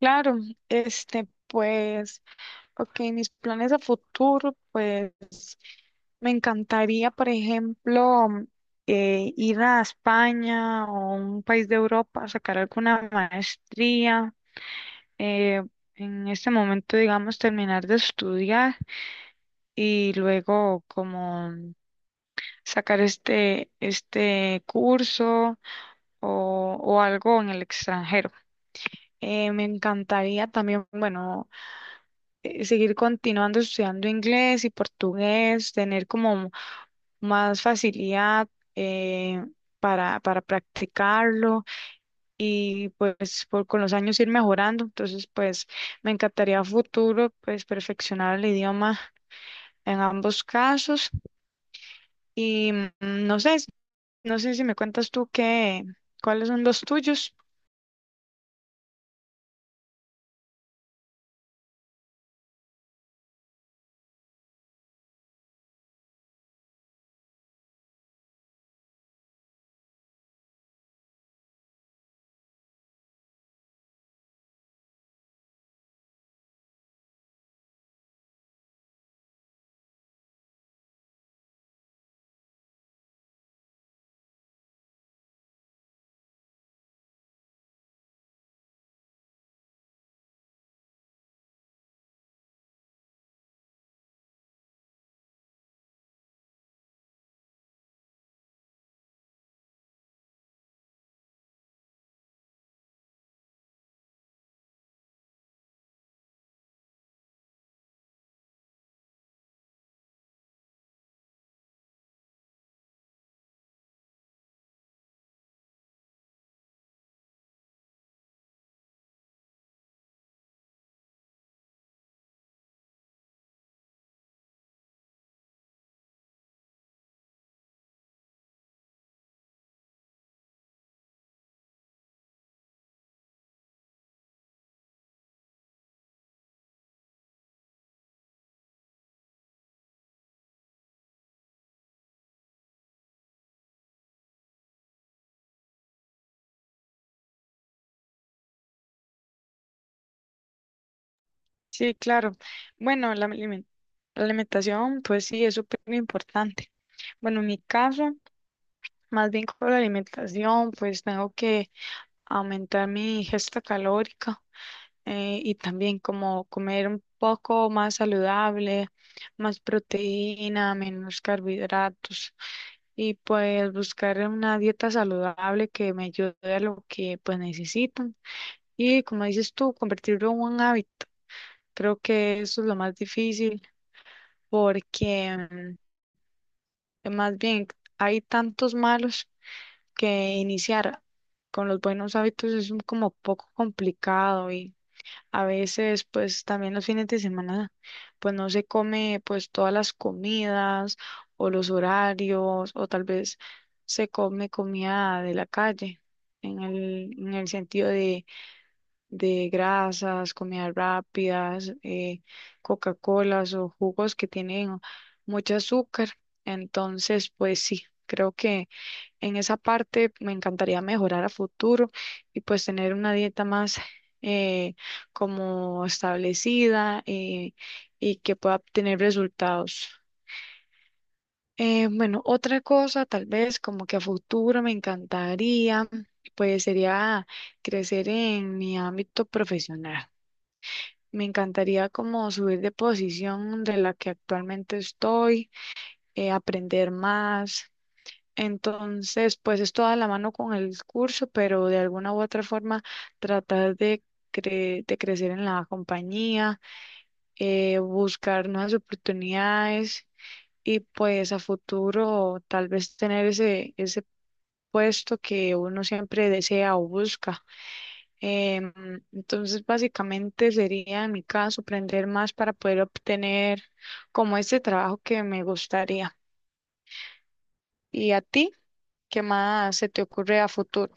Claro, este, pues, ok, mis planes a futuro, pues, me encantaría, por ejemplo, ir a España o un país de Europa a sacar alguna maestría. eh, en este momento, digamos, terminar de estudiar y luego como sacar este curso o algo en el extranjero. Me encantaría también. Bueno, seguir continuando estudiando inglés y portugués, tener como más facilidad, eh, para practicarlo y pues por, con los años ir mejorando. Entonces, pues me encantaría a futuro pues perfeccionar el idioma en ambos casos. y mm, no sé, no sé si me cuentas tú qué, cuáles son los tuyos. Sí, claro. Bueno, la la alimentación, pues sí, es súper importante. Bueno, en mi caso, más bien con la alimentación, pues tengo que aumentar mi ingesta calórica, y también como comer un poco más saludable, más proteína, menos carbohidratos y pues buscar una dieta saludable que me ayude a lo que pues necesitan. Y como dices tú, convertirlo en un hábito. Creo que eso es lo más difícil porque, más bien, hay tantos malos que iniciar con los buenos hábitos es como poco complicado. Y a veces pues también los fines de semana pues no se come pues todas las comidas o los horarios, o tal vez se come comida de la calle en el sentido de grasas, comidas rápidas, Coca-Colas o jugos que tienen mucho azúcar. Entonces pues sí, creo que en esa parte me encantaría mejorar a futuro y pues tener una dieta más, eh, como establecida, y que pueda obtener resultados. Bueno, otra cosa tal vez como que a futuro me encantaría, pues sería crecer en mi ámbito profesional. Me encantaría como subir de posición de la que actualmente estoy, aprender más. Entonces, pues es toda la mano con el curso, pero de alguna u otra forma tratar de, de crecer en la compañía, buscar nuevas oportunidades y pues a futuro tal vez tener ese puesto que uno siempre desea o busca. Em, entonces, básicamente sería en mi caso aprender más para poder obtener como este trabajo que me gustaría. ¿Y a ti? ¿Qué más se te ocurre a futuro?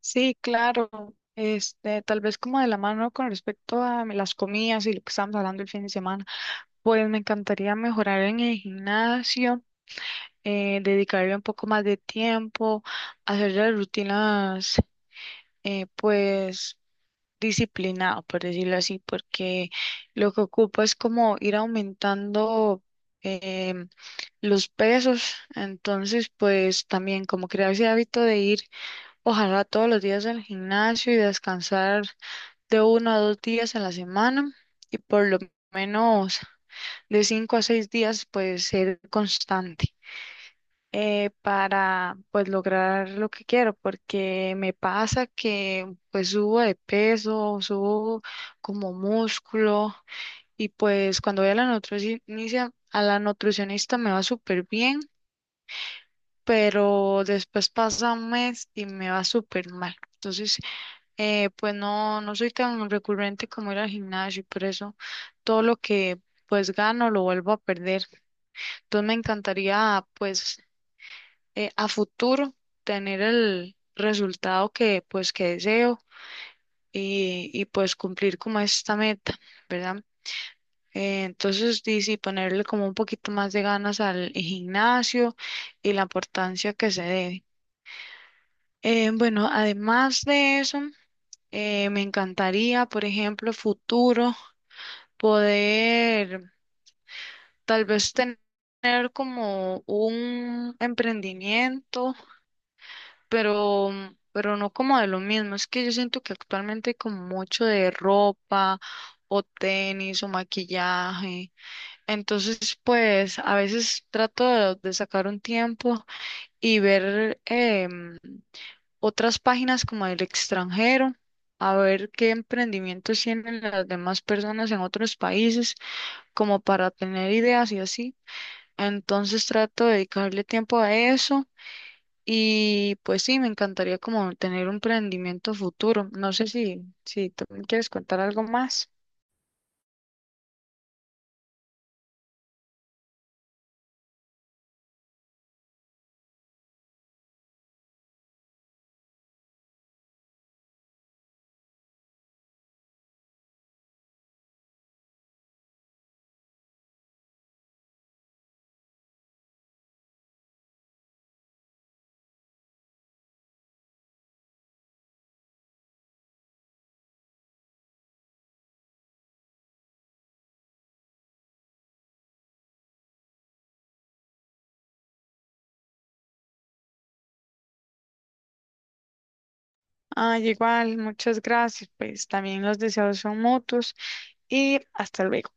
Sí, claro. Este, tal vez como de la mano con respecto a las comidas y lo que estábamos hablando el fin de semana, pues me encantaría mejorar en el gimnasio, dedicarle un poco más de tiempo, hacer las rutinas, pues disciplinado, por decirlo así, porque lo que ocupo es como ir aumentando, em, los pesos. Entonces pues también como crear ese hábito de ir ojalá todos los días al gimnasio y descansar de uno a dos días a la semana y por lo menos de cinco a seis días pues ser constante, para pues lograr lo que quiero, porque me pasa que pues subo de peso, subo como músculo y pues cuando voy a la nutricionista me va súper bien, pero después pasa un mes y me va súper mal. Entonces pues no, no soy tan recurrente como ir al gimnasio y por eso todo lo que pues gano lo vuelvo a perder. Entonces me encantaría pues, a futuro tener el resultado que pues que deseo, y pues cumplir como esta meta, ¿verdad? Entonces sí, ponerle como un poquito más de ganas al gimnasio y la importancia que se debe. Bueno, además de eso, me encantaría, por ejemplo, futuro, poder tal vez tener como un emprendimiento, pero, pero no como de lo mismo. Es que yo siento que actualmente hay como mucho de ropa o tenis o maquillaje. Entonces, pues a veces trato de sacar un tiempo y ver, otras páginas como del extranjero, a ver qué emprendimientos tienen las demás personas en otros países, como para tener ideas y así. Entonces trato de dedicarle tiempo a eso y pues sí, me encantaría como tener un emprendimiento futuro. No sé si, si tú me quieres contar algo más. Ay, igual, muchas gracias. Pues también los deseos son mutuos y hasta luego.